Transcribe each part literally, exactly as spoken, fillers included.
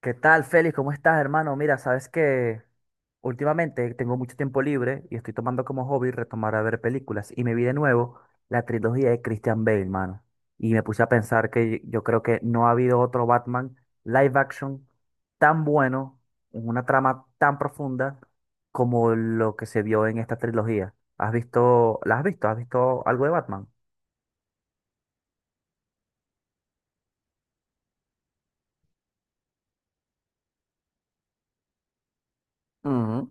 ¿Qué tal, Félix? ¿Cómo estás, hermano? Mira, sabes que últimamente tengo mucho tiempo libre y estoy tomando como hobby retomar a ver películas. Y me vi de nuevo la trilogía de Christian Bale, hermano. Y me puse a pensar que yo creo que no ha habido otro Batman live action tan bueno, en una trama tan profunda como lo que se vio en esta trilogía. ¿Has visto, la has visto? ¿Has visto algo de Batman? Ujú.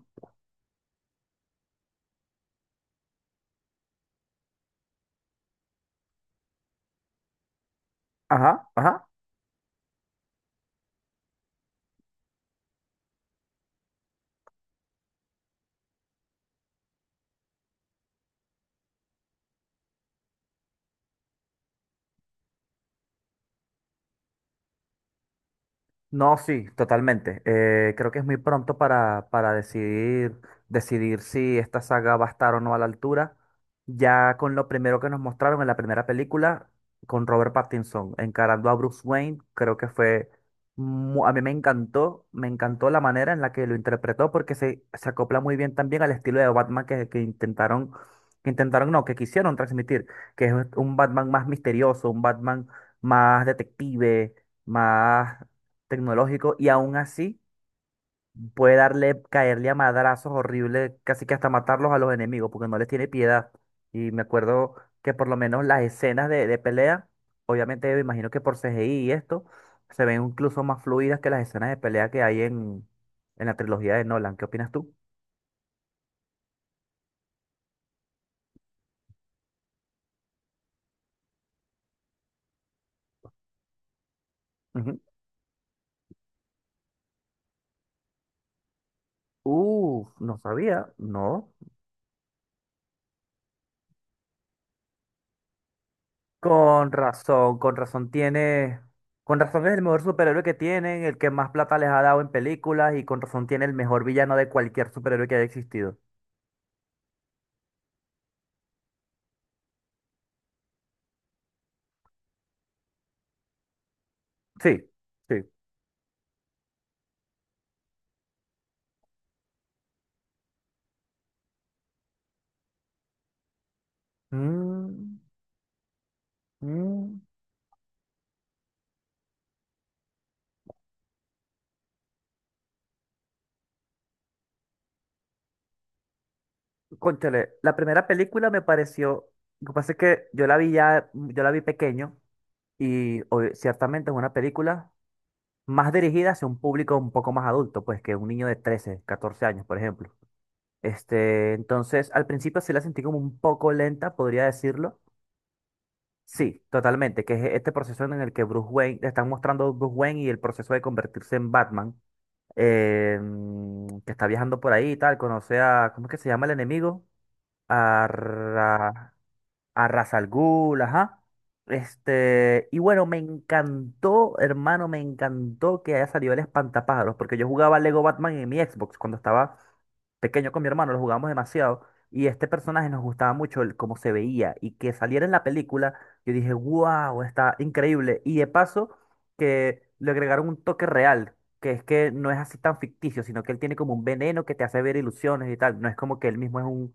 Ajá, ajá. No, sí, totalmente. Eh, creo que es muy pronto para, para decidir, decidir si esta saga va a estar o no a la altura. Ya con lo primero que nos mostraron en la primera película, con Robert Pattinson encarando a Bruce Wayne, creo que fue... mu- A mí me encantó, me encantó la manera en la que lo interpretó porque se, se acopla muy bien también al estilo de Batman que, que intentaron, que intentaron, no, que quisieron transmitir, que es un Batman más misterioso, un Batman más detective, más tecnológico y aún así puede darle, caerle a madrazos horribles, casi que hasta matarlos a los enemigos, porque no les tiene piedad. Y me acuerdo que por lo menos las escenas de, de pelea, obviamente me imagino que por C CGI y esto, se ven incluso más fluidas que las escenas de pelea que hay en, en la trilogía de Nolan. ¿Qué opinas tú? Ujú. Uf, no sabía, no. Con razón, con razón tiene, con razón es el mejor superhéroe que tienen, el que más plata les ha dado en películas y con razón tiene el mejor villano de cualquier superhéroe que haya existido. Sí, sí. Mm, mm. Cónchale, la primera película me pareció, lo que pasa es que yo la vi ya, yo la vi pequeño y obvi- ciertamente es una película más dirigida hacia un público un poco más adulto, pues que un niño de trece, catorce años, por ejemplo. Este, entonces, al principio sí la sentí como un poco lenta, podría decirlo. Sí, totalmente, que es este proceso en el que Bruce Wayne, te están mostrando a Bruce Wayne y el proceso de convertirse en Batman, eh, mm, que está viajando por ahí y tal, conoce a, ¿cómo es que se llama el enemigo? A, Ra- a Ra's al Ghul, ajá. Este, y bueno, me encantó, hermano, me encantó que haya salido el espantapájaros, porque yo jugaba Lego Batman en mi Xbox cuando estaba pequeño con mi hermano, lo jugábamos demasiado, y este personaje nos gustaba mucho el, cómo se veía, y que saliera en la película, yo dije, wow, está increíble, y de paso que le agregaron un toque real, que es que no es así tan ficticio, sino que él tiene como un veneno que te hace ver ilusiones y tal, no es como que él mismo es un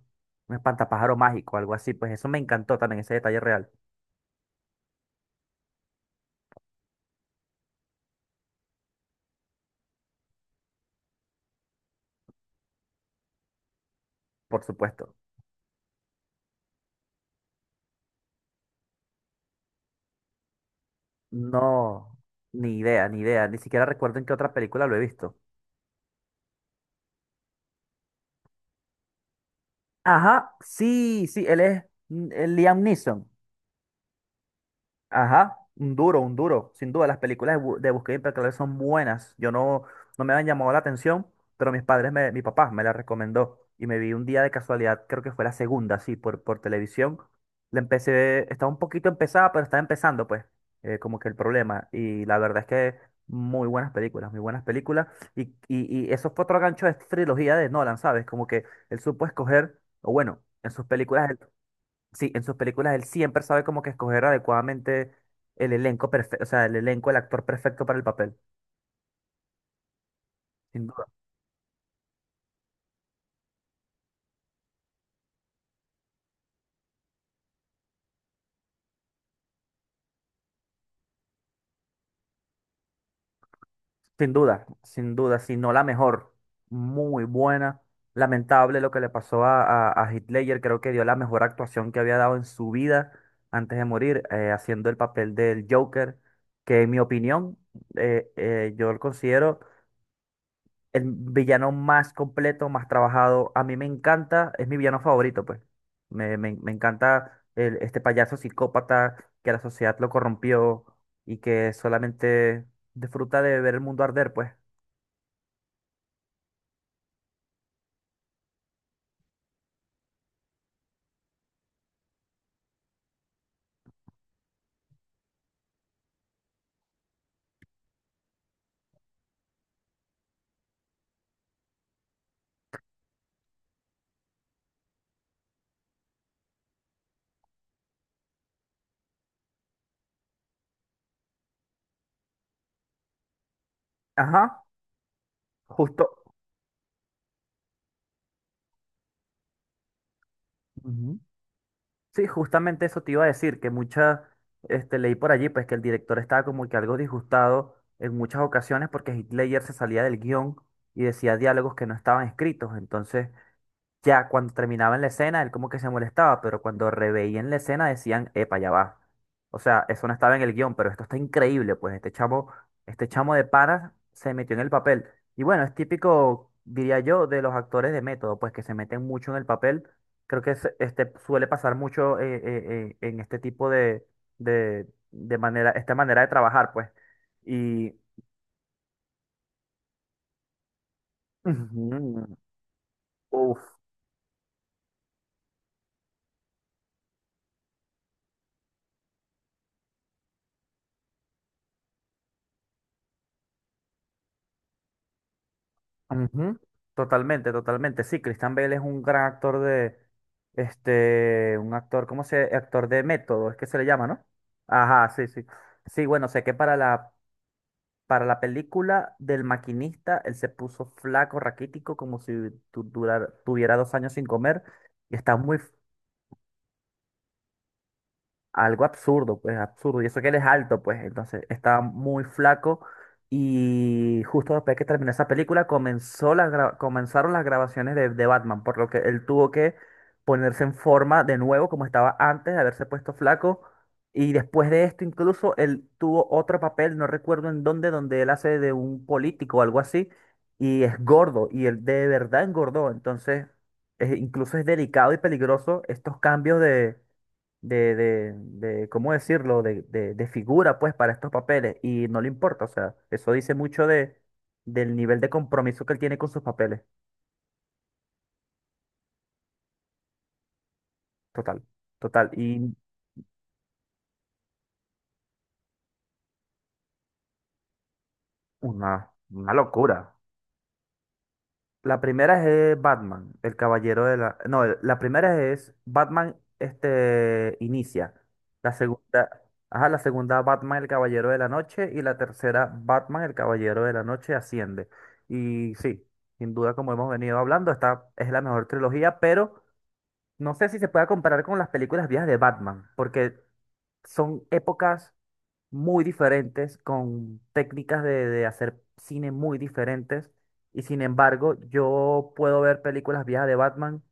espantapájaro mágico, algo así, pues eso me encantó también, ese detalle real, por supuesto. No, ni idea, ni idea, ni siquiera recuerdo en qué otra película lo he visto. Ajá, sí, sí, él es mm, eh, Liam Neeson. Ajá, un duro, un duro. Sin duda, las películas de, Bu- de Buscado y Implacable son buenas. Yo no, no me han llamado la atención, pero mis padres, me- mi papá me la recomendó. Y me vi un día de casualidad, creo que fue la segunda, sí, por, por televisión. La empecé, estaba un poquito empezada, pero estaba empezando, pues, eh, como que el problema. Y la verdad es que muy buenas películas, muy buenas películas. Y, y, y eso fue otro gancho de esta trilogía de Nolan, ¿sabes? Como que él supo escoger, o bueno, en sus películas. Sí, en sus películas él siempre sabe como que escoger adecuadamente el elenco perfecto, o sea, el elenco, el actor perfecto para el papel, sin duda, sin duda, sin duda, si no la mejor, muy buena. Lamentable lo que le pasó a, a, a Heath Ledger, creo que dio la mejor actuación que había dado en su vida antes de morir, eh, haciendo el papel del Joker, que en mi opinión, eh, eh, yo lo considero el villano más completo, más trabajado. A mí me encanta, es mi villano favorito, pues. Me, me- me encanta el- este payaso psicópata que la sociedad lo corrompió y que solamente disfruta de ver el mundo arder, pues. Ajá, justo. Ujú. Sí, justamente eso te iba a decir, que muchas, este, leí por allí, pues que el director estaba como que algo disgustado en muchas ocasiones porque Hitler se salía del guión y decía diálogos que no estaban escritos. Entonces, ya cuando terminaban la escena, él como que se molestaba, pero cuando reveían la escena decían, epa, ya va. O sea, eso no estaba en el guión, pero esto está increíble, pues este chamo, este chamo de panas se metió en el papel. Y bueno, es típico, diría yo, de los actores de método, pues que se meten mucho en el papel. Creo que se- este, suele pasar mucho eh, eh, eh, en este tipo de, de, de manera, esta manera de trabajar, pues. Y, uff, ujú, totalmente, totalmente. Sí, Christian Bale es un gran actor de, este, un actor, ¿cómo se? Actor de método, es que se le llama, ¿no? Ajá, sí, sí. Sí, bueno, sé que para la, para la película del maquinista, él se puso flaco, raquítico, como si tu- durara- tuviera dos años sin comer, y está muy, algo absurdo, pues absurdo. Y eso que él es alto, pues entonces estaba muy flaco. Y justo después que terminó esa película, comenzó la gra- comenzaron las grabaciones de, de Batman, por lo que él tuvo que ponerse en forma de nuevo, como estaba antes de haberse puesto flaco. Y después de esto, incluso él tuvo otro papel, no recuerdo en dónde, donde él hace de un político o algo así, y es gordo, y él de verdad engordó. Entonces, eh, incluso es delicado y peligroso estos cambios de, de, de ¿cómo decirlo? De, de, de figura, pues, para estos papeles. Y no le importa, o sea, eso dice mucho de, del nivel de compromiso que él tiene con sus papeles. Total, total. Y una, una locura. La primera es Batman, el caballero de la... No, la primera es Batman, este, inicia. La segunda, ajá, la segunda Batman, el caballero de la noche. Y la tercera Batman, el caballero de la noche, asciende. Y sí, sin duda, como hemos venido hablando, esta es la mejor trilogía, pero no sé si se puede comparar con las películas viejas de Batman, porque son épocas muy diferentes, con técnicas de, de hacer cine muy diferentes. Y sin embargo, yo puedo ver películas viejas de Batman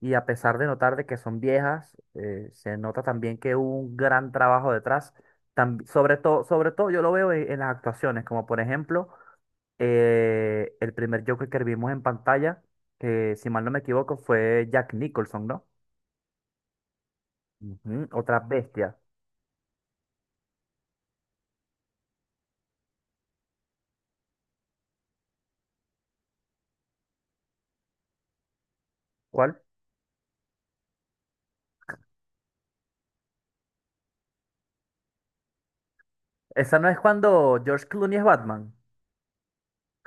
y a pesar de notar de que son viejas, eh, se nota también que hubo un gran trabajo detrás. Tam- sobre todo, sobre todo yo lo veo en, en las actuaciones, como por ejemplo eh, el primer Joker que vimos en pantalla, que si mal no me equivoco fue Jack Nicholson, ¿no? Ujú, otra bestia. ¿Cuál? Esa no es cuando George Clooney es Batman.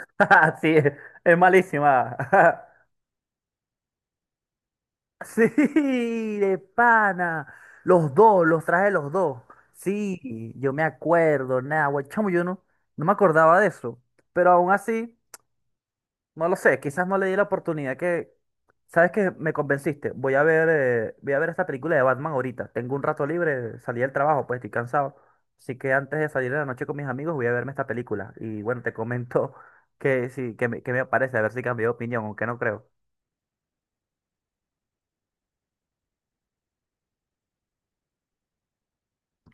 Sí, es malísima. Sí, de pana. Los dos, los traje los dos. Sí, yo me acuerdo, nada, güey, chamo, yo no, no me acordaba de eso. Pero aún así, no lo sé, quizás no le di la oportunidad que, ¿sabes qué? Me convenciste. Voy a ver, eh, voy a ver esta película de Batman ahorita. Tengo un rato libre, salí del trabajo, pues estoy cansado. Así que antes de salir de la noche con mis amigos, voy a verme esta película. Y bueno, te comento que sí, que me, que me parece, a ver si cambié de opinión, aunque no creo.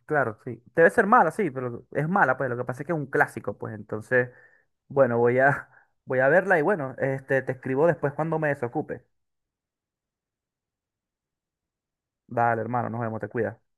Claro, sí. Debe ser mala, sí, pero es mala, pues lo que pasa es que es un clásico, pues entonces, bueno, voy a, voy a verla y bueno, este, te escribo después cuando me desocupe. Dale, hermano, nos vemos, te cuidas.